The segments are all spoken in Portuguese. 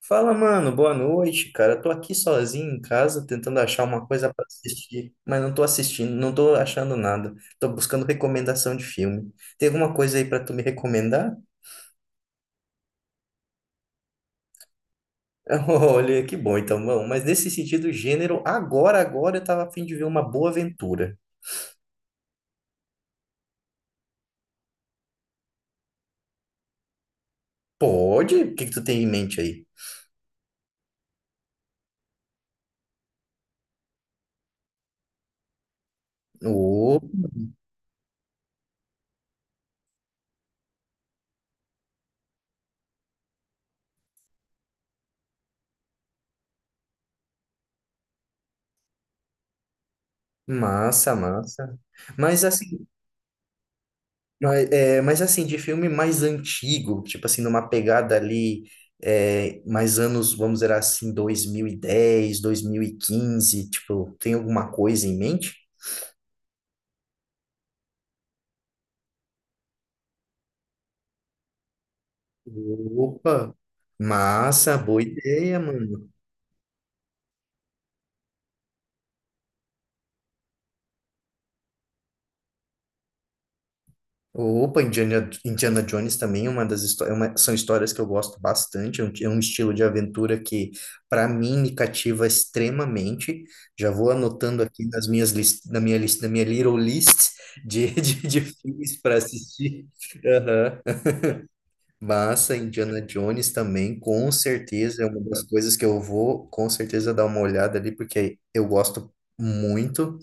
Fala, mano, boa noite, cara. Tô aqui sozinho em casa tentando achar uma coisa pra assistir, mas não tô assistindo, não tô achando nada. Tô buscando recomendação de filme. Tem alguma coisa aí pra tu me recomendar? Olha, que bom então, mano. Mas nesse sentido, gênero, agora eu tava a fim de ver uma boa aventura. Pode? O que que tu tem em mente aí? Ô, massa, massa. Mas assim, mas assim, de filme mais antigo, tipo assim, numa pegada ali, mais anos, vamos dizer assim, dois mil e dez, 2015 tipo, tem alguma coisa em mente? Opa, massa, boa ideia, mano. Opa, Indiana Jones também é uma das histórias, são histórias que eu gosto bastante, é um estilo de aventura que, para mim, me cativa extremamente. Já vou anotando aqui na minha lista, na minha little list de, de filmes para assistir. Aham. Massa, Indiana Jones também, com certeza, é uma das coisas que eu vou, com certeza, dar uma olhada ali, porque eu gosto muito.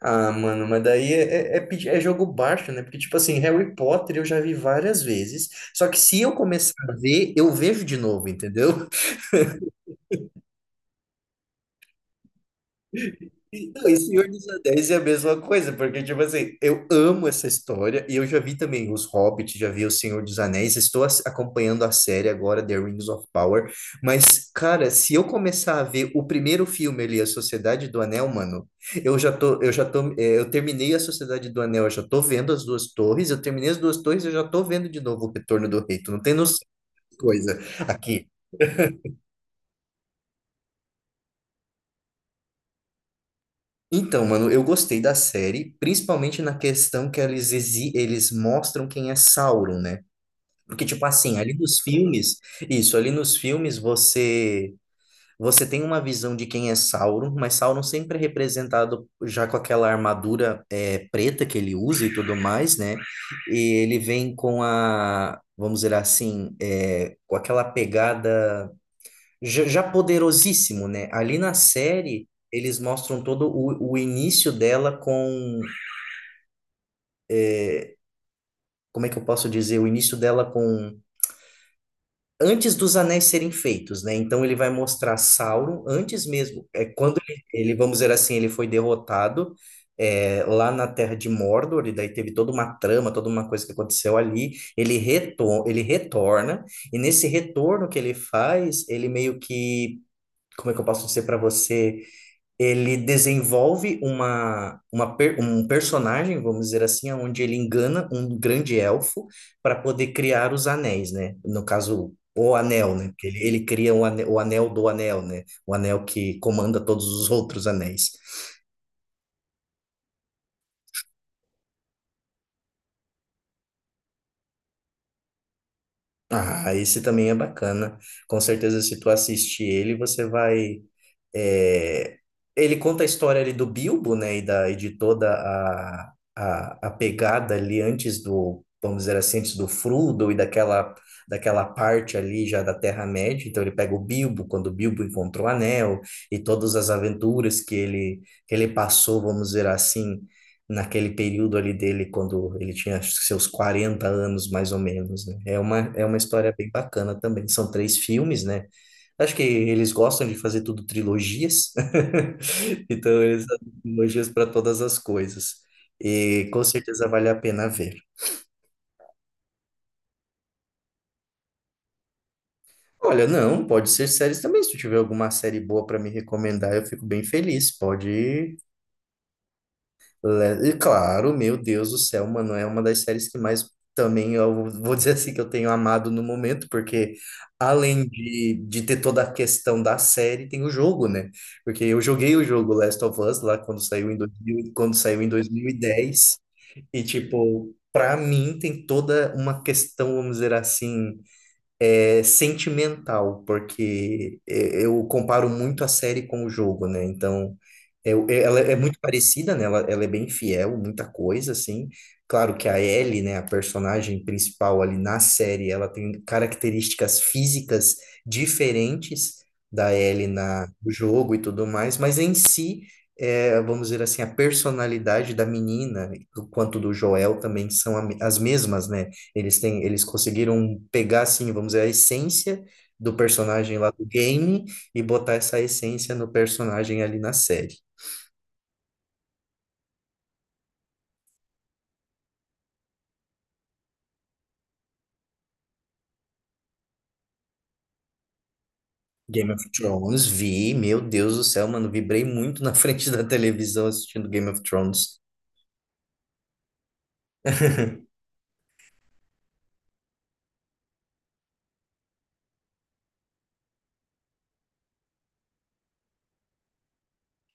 Ah, mano, mas daí é jogo baixo, né? Porque, tipo assim, Harry Potter eu já vi várias vezes. Só que se eu começar a ver, eu vejo de novo, entendeu? E, não, e Senhor dos Anéis é a mesma coisa, porque, tipo assim, eu amo essa história e eu já vi também os Hobbit, já vi o Senhor dos Anéis, estou acompanhando a série agora, The Rings of Power, mas, cara, se eu começar a ver o primeiro filme ali, A Sociedade do Anel, mano, eu já tô, é, eu terminei A Sociedade do Anel, eu já tô vendo As Duas Torres, eu terminei As Duas Torres, eu já tô vendo de novo o Retorno do Rei, tu não tem noção de coisa aqui. Então, mano, eu gostei da série, principalmente na questão que eles mostram quem é Sauron, né? Porque, tipo assim, ali nos filmes você tem uma visão de quem é Sauron, mas Sauron sempre é representado já com aquela armadura preta que ele usa e tudo mais, né? E ele vem com a, vamos dizer assim, com aquela pegada já poderosíssimo, né? Ali na série, eles mostram todo o início dela com. Como é que eu posso dizer? O início dela com. Antes dos anéis serem feitos, né? Então ele vai mostrar Sauron antes mesmo. É quando vamos dizer assim, ele foi derrotado lá na Terra de Mordor, e daí teve toda uma trama, toda uma coisa que aconteceu ali. Ele retorna, e nesse retorno que ele faz, ele meio que. Como é que eu posso dizer para você? Ele desenvolve um personagem, vamos dizer assim, onde ele engana um grande elfo para poder criar os anéis, né? No caso, o anel, né? Porque Ele cria o anel, do anel, né? O anel que comanda todos os outros anéis. Ah, esse também é bacana. Com certeza, se tu assistir ele, você vai. é, Ele conta a história ali do Bilbo, né? E de toda a pegada ali antes do, vamos dizer assim, antes do Frodo e daquela parte ali já da Terra-média. Então ele pega o Bilbo, quando o Bilbo encontrou o Anel, e todas as aventuras que ele passou, vamos dizer assim, naquele período ali dele, quando ele tinha acho que seus 40 anos, mais ou menos, né? É uma história bem bacana também. São três filmes, né? Acho que eles gostam de fazer tudo trilogias, então eles fazem trilogias para todas as coisas. E com certeza vale a pena ver. Olha, não, pode ser séries também. Se tu tiver alguma série boa para me recomendar, eu fico bem feliz. Pode E claro, meu Deus do céu, mano, é uma das séries que mais também eu vou dizer assim que eu tenho amado no momento, porque além de ter toda a questão da série, tem o jogo, né? Porque eu joguei o jogo Last of Us lá quando saiu em 2010 e dez, e tipo, para mim tem toda uma questão, vamos dizer assim, é sentimental, porque é, eu comparo muito a série com o jogo, né? Então, ela é muito parecida, né? Ela é bem fiel, muita coisa, assim. Claro que a Ellie, né, a personagem principal ali na série, ela tem características físicas diferentes da Ellie no jogo e tudo mais, mas em si, vamos dizer assim, a personalidade da menina, quanto do Joel também são as mesmas, né? Eles conseguiram pegar, assim, vamos dizer, a essência do personagem lá do game e botar essa essência no personagem ali na série. Game of Thrones, vi, meu Deus do céu, mano, vibrei muito na frente da televisão assistindo Game of Thrones.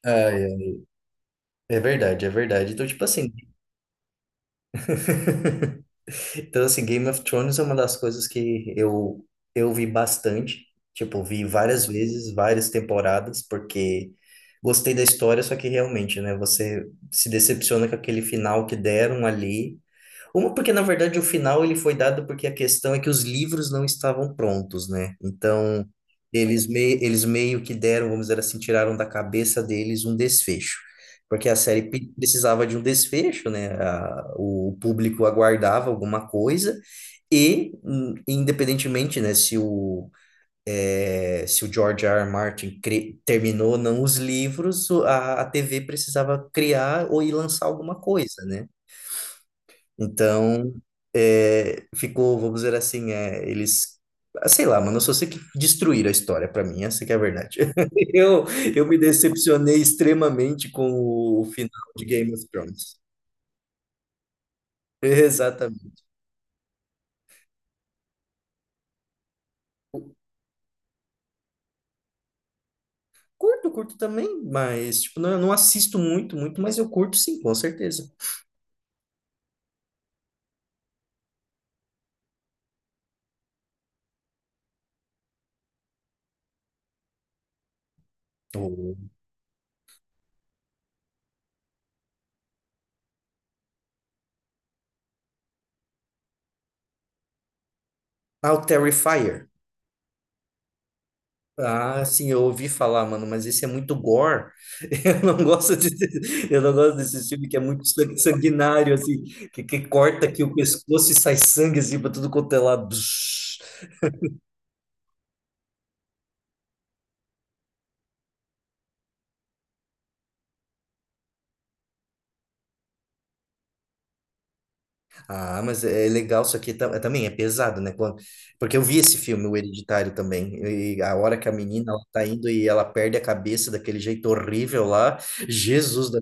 Ai, ai. É verdade, é verdade. Então, tipo assim, Então, assim, Game of Thrones é uma das coisas que eu vi bastante. Tipo, vi várias vezes, várias temporadas, porque gostei da história, só que realmente, né, você se decepciona com aquele final que deram ali. Uma porque, na verdade, o final ele foi dado porque a questão é que os livros não estavam prontos, né? Então, eles meio que deram, vamos dizer assim, tiraram da cabeça deles um desfecho. Porque a série precisava de um desfecho, né? A- o público aguardava alguma coisa e, independentemente, né, se o George R. R. Martin terminou ou não os livros, a TV precisava criar ou ir lançar alguma coisa, né? Então, ficou, vamos dizer assim, sei lá, mano, eu só sei que destruíram a história pra mim, essa que é a verdade. Eu, eu me decepcionei extremamente com o final de Game of Thrones. Exatamente. Curto, curto também, mas, tipo, não, eu não assisto muito, muito, mas eu curto sim, com certeza. O- Ah, o Terrifier. Ah, sim, eu ouvi falar, mano, mas esse é muito gore. Eu não gosto de, eu não gosto desse filme que é muito sanguinário, assim, que corta aqui o pescoço e sai sangue, assim, pra tudo quanto é lado. Bzz. Ah, mas é legal, isso aqui também é pesado, né? Quando- porque eu vi esse filme, O Hereditário, também. E a hora que a menina ela tá indo e ela perde a cabeça daquele jeito horrível lá, Jesus,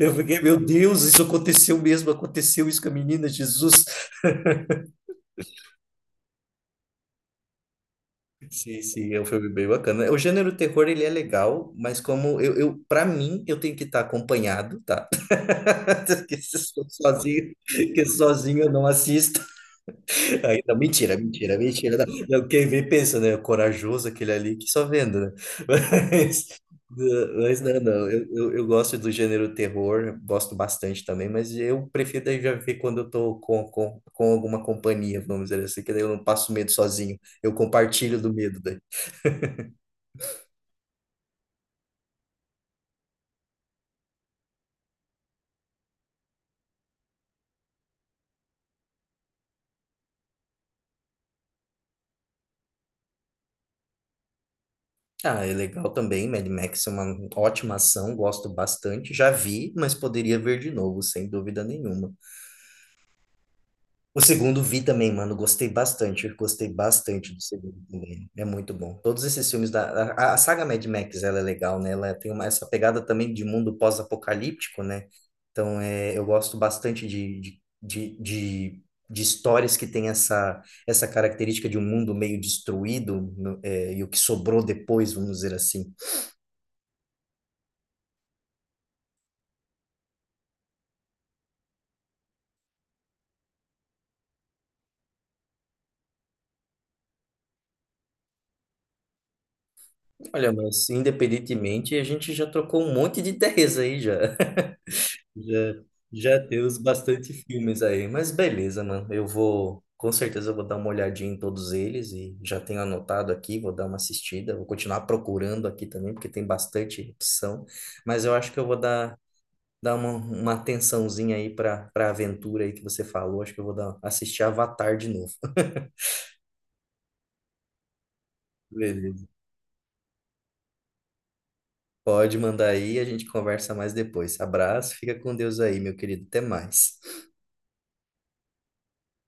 eu fiquei, meu Deus, isso aconteceu mesmo, aconteceu isso com a menina, Jesus. Sim, sim, é um filme bem bacana. O gênero terror, ele é legal, mas como eu para mim, eu tenho que estar acompanhado, tá? Porque se eu sou sozinho, que sozinho eu não assisto. Aí, não, mentira, mentira, mentira. Não. Não, quem vê pensa, né? Corajoso aquele ali que só vendo, né? Mas, mas não, não. Eu gosto do gênero terror, gosto bastante também, mas eu prefiro daí já ver quando eu tô com alguma companhia, vamos dizer assim, que daí eu não passo medo sozinho. Eu compartilho do medo. Ah, é legal também. Mad Max é uma ótima ação, gosto bastante. Já vi, mas poderia ver de novo, sem dúvida nenhuma. O segundo vi também, mano, gostei bastante. Gostei bastante do segundo também. É muito bom. Todos esses filmes da. A saga Mad Max, ela é legal, né? Ela tem uma, essa pegada também de mundo pós-apocalíptico, né? Então, é, eu gosto bastante de histórias que têm essa característica de um mundo meio destruído, e o que sobrou depois, vamos dizer assim. Olha, mas independentemente, a gente já trocou um monte de ideias aí já. Já, já temos bastante filmes aí. Mas beleza, mano. Eu vou, com certeza, eu vou dar uma olhadinha em todos eles e já tenho anotado aqui, vou dar uma assistida. Vou continuar procurando aqui também, porque tem bastante opção. Mas eu acho que eu vou dar uma atençãozinha aí para a aventura aí que você falou. Acho que eu vou dar, assistir Avatar de novo. Beleza. Pode mandar aí, a gente conversa mais depois. Abraço, fica com Deus aí, meu querido. Até mais.